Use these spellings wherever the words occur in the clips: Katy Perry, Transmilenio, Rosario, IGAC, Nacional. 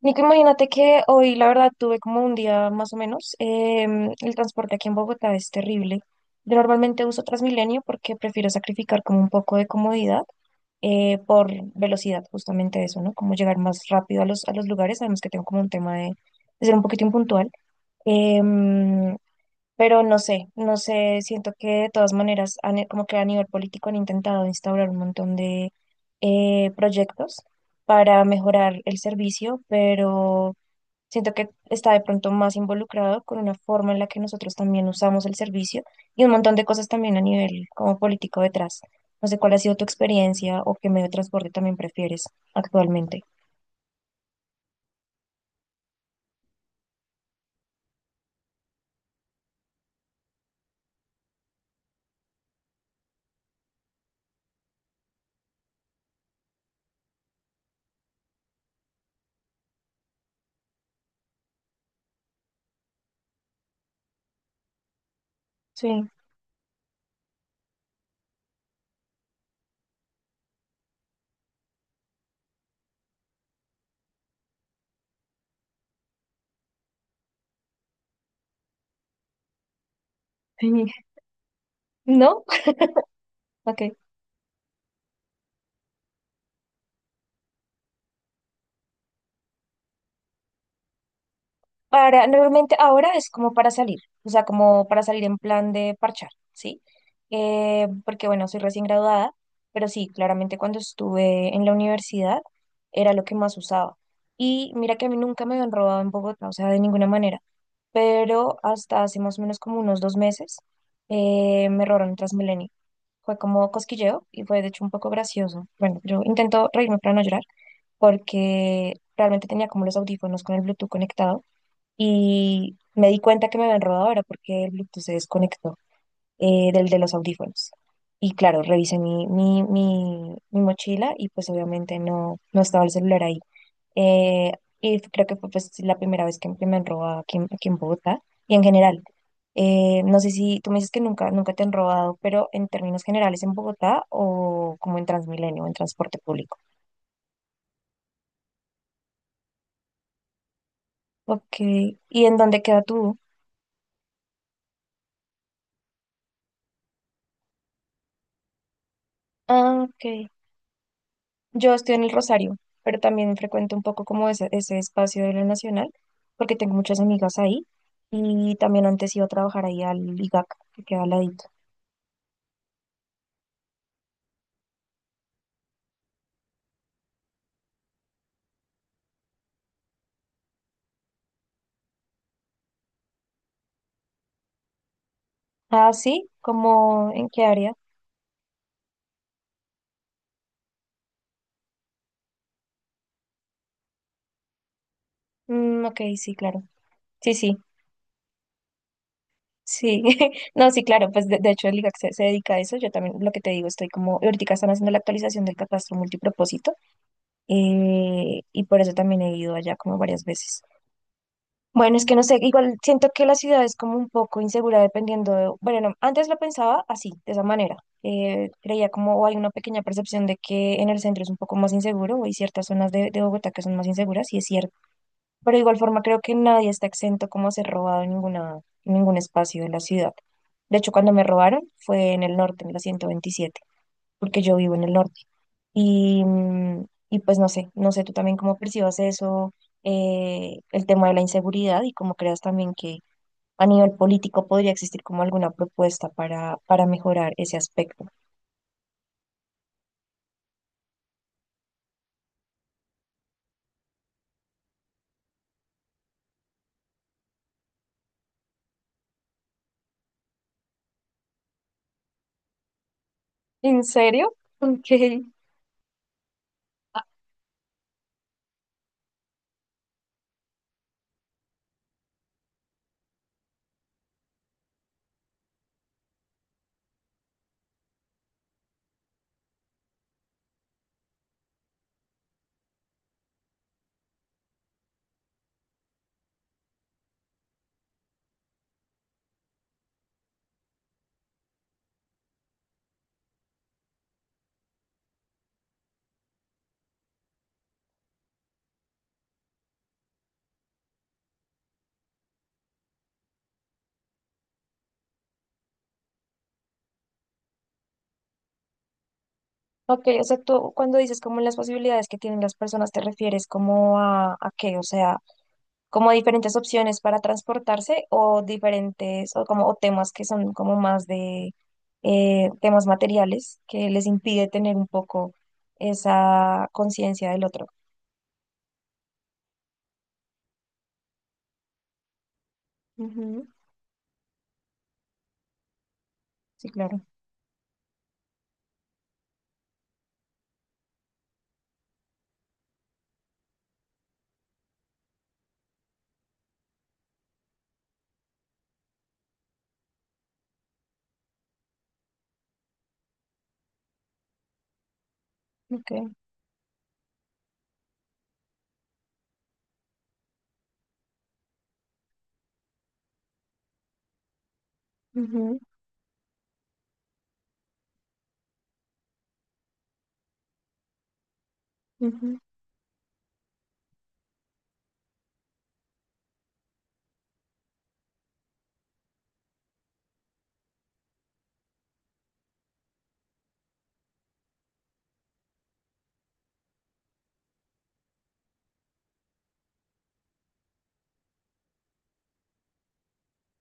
Nico, imagínate que hoy, la verdad, tuve como un día más o menos. El transporte aquí en Bogotá es terrible. Yo normalmente uso Transmilenio porque prefiero sacrificar como un poco de comodidad por velocidad, justamente eso, ¿no? Como llegar más rápido a los lugares. Además que tengo como un tema de ser un poquito impuntual. Em, pero no sé, siento que de todas maneras, como que a nivel político han intentado instaurar un montón de proyectos para mejorar el servicio, pero siento que está de pronto más involucrado con una forma en la que nosotros también usamos el servicio y un montón de cosas también a nivel como político detrás. No sé cuál ha sido tu experiencia o qué medio de transporte también prefieres actualmente. Sí. ¿No? Ok. Para, normalmente ahora es como para salir, o sea, como para salir en plan de parchar, ¿sí? Porque bueno, soy recién graduada, pero sí, claramente cuando estuve en la universidad era lo que más usaba. Y mira que a mí nunca me habían robado en Bogotá, o sea, de ninguna manera, pero hasta hace más o menos como unos dos meses me robaron en Transmilenio. Fue como cosquilleo y fue de hecho un poco gracioso. Bueno, yo intento reírme para no llorar porque realmente tenía como los audífonos con el Bluetooth conectados y me di cuenta que me habían robado ahora porque el Bluetooth se desconectó del de los audífonos. Y claro, revisé mi mochila y pues obviamente no, no estaba el celular ahí. Eh, creo que fue pues la primera vez que me han robado aquí, aquí en Bogotá y en general. No sé si tú me dices que nunca te han robado, pero en términos generales en Bogotá o como en Transmilenio, en transporte público. Ok, ¿y en dónde queda tú? Ah, ok. Yo estoy en el Rosario, pero también frecuento un poco como ese espacio de la Nacional, porque tengo muchas amigas ahí y también antes iba a trabajar ahí al IGAC, que queda al ladito. Ah, sí, ¿como en qué área? Mm, ok, sí, claro. Sí, sí, sí. No, sí, claro, pues de hecho el IGAC se dedica a eso. Yo también lo que te digo, estoy como, ahorita están haciendo la actualización del catastro multipropósito y por eso también he ido allá como varias veces. Bueno, es que no sé, igual siento que la ciudad es como un poco insegura dependiendo de, bueno, no, antes lo pensaba así, de esa manera. Creía como, o hay una pequeña percepción de que en el centro es un poco más inseguro, o hay ciertas zonas de Bogotá que son más inseguras, y es cierto. Pero de igual forma creo que nadie está exento como a ser robado en ninguna, en ningún espacio de la ciudad. De hecho, cuando me robaron fue en el norte, en la 127 porque yo vivo en el norte. Y, y pues no sé, no sé tú también cómo percibas eso, el tema de la inseguridad y cómo creas también que a nivel político podría existir como alguna propuesta para mejorar ese aspecto. ¿En serio? Ok. Ok, o sea, tú cuando dices como las posibilidades que tienen las personas, ¿te refieres como a qué? O sea, como diferentes opciones para transportarse o diferentes o como o temas que son como más de temas materiales que les impide tener un poco esa conciencia del otro. Ujú. Sí, claro. Okay. Ujú, ujú,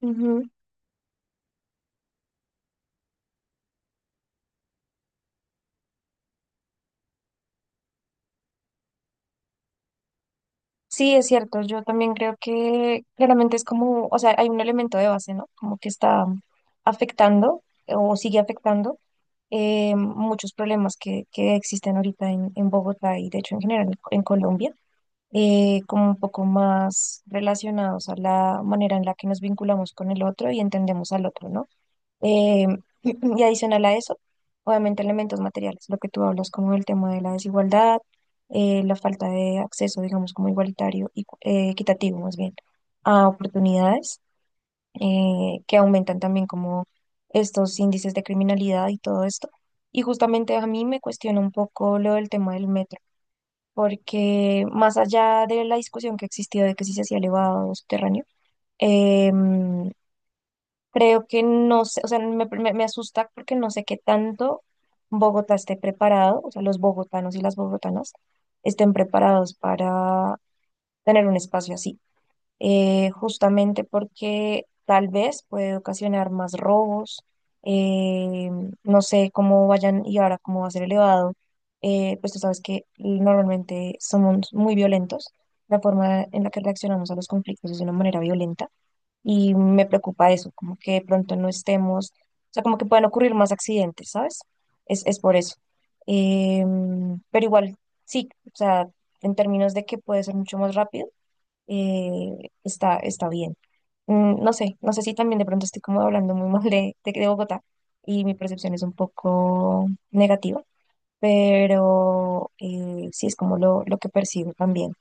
ujú. Sí, es cierto. Yo también creo que claramente es como, o sea, hay un elemento de base, ¿no? Como que está afectando o sigue afectando muchos problemas que existen ahorita en Bogotá y de hecho en general en Colombia, como un poco más relacionados a la manera en la que nos vinculamos con el otro y entendemos al otro, ¿no? Eh, y adicional a eso, obviamente elementos materiales, lo que tú hablas como el tema de la desigualdad, la falta de acceso, digamos, como igualitario y equitativo más bien, a oportunidades que aumentan también como estos índices de criminalidad y todo esto. Y justamente a mí me cuestiona un poco lo del tema del método porque más allá de la discusión que existió de que si se hacía elevado o subterráneo, em, creo que no sé, o sea, me asusta porque no sé qué tanto Bogotá esté preparado, o sea, los bogotanos y las bogotanas estén preparados para tener un espacio así, justamente porque tal vez puede ocasionar más robos, eh, no sé cómo vayan y ahora cómo va a ser elevado, pues tú sabes que normalmente somos muy violentos, la forma en la que reaccionamos a los conflictos es de una manera violenta y me preocupa eso, como que de pronto no estemos, o sea, como que pueden ocurrir más accidentes, ¿sabes? Es por eso. Pero igual, sí, o sea, en términos de que puede ser mucho más rápido, eh, está bien. Mm, no sé, no sé si también de pronto estoy como hablando muy mal de Bogotá y mi percepción es un poco negativa, pero sí es como lo que percibo también.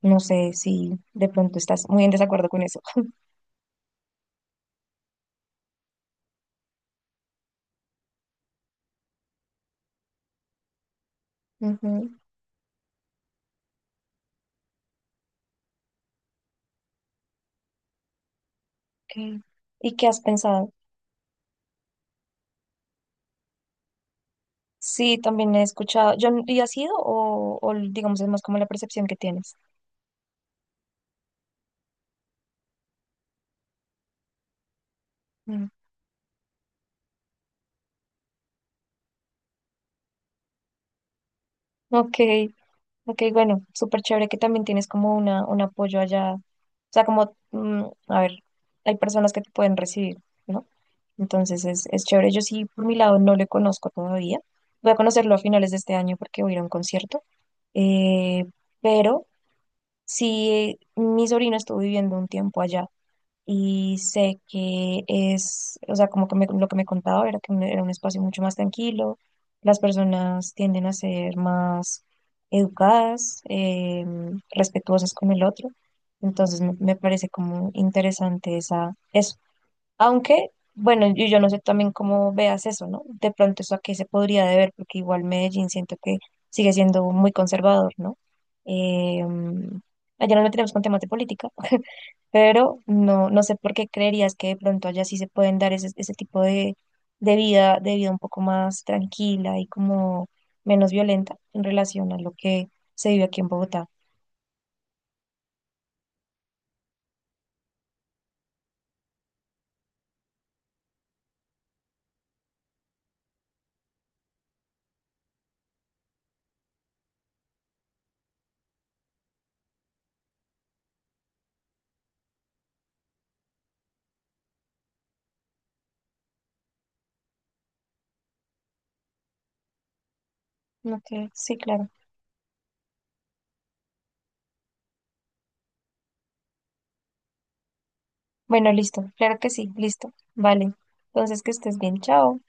No sé si de pronto estás muy en desacuerdo con eso. Ujú, ok. ¿Y qué has pensado? Sí, también he escuchado. Yo, ¿y has ido o digamos es más como la percepción que tienes? Mm. Ok. Ok, bueno, súper chévere que también tienes como una, un apoyo allá. O sea, como, a ver, hay personas que te pueden recibir, ¿no? Entonces es chévere. Yo sí, por mi lado, no le conozco todavía. Voy a conocerlo a finales de este año porque voy a ir a un concierto. Eh, pero sí, mi sobrino estuvo viviendo un tiempo allá y sé que es, o sea, como que lo que me contaba era que era un espacio mucho más tranquilo, las personas tienden a ser más educadas, respetuosas con el otro, entonces me parece como interesante esa, eso. Aunque, bueno, yo no sé también cómo veas eso, ¿no? De pronto eso a qué se podría deber, porque igual Medellín siento que sigue siendo muy conservador, ¿no? Eh, Allá no lo tenemos con temas de política, pero no, no sé por qué creerías que de pronto allá sí se pueden dar ese tipo de vida un poco más tranquila y como menos violenta en relación a lo que se vive aquí en Bogotá. Ok, sí, claro. Bueno, listo, claro que sí, listo. Vale, entonces que estés bien, chao.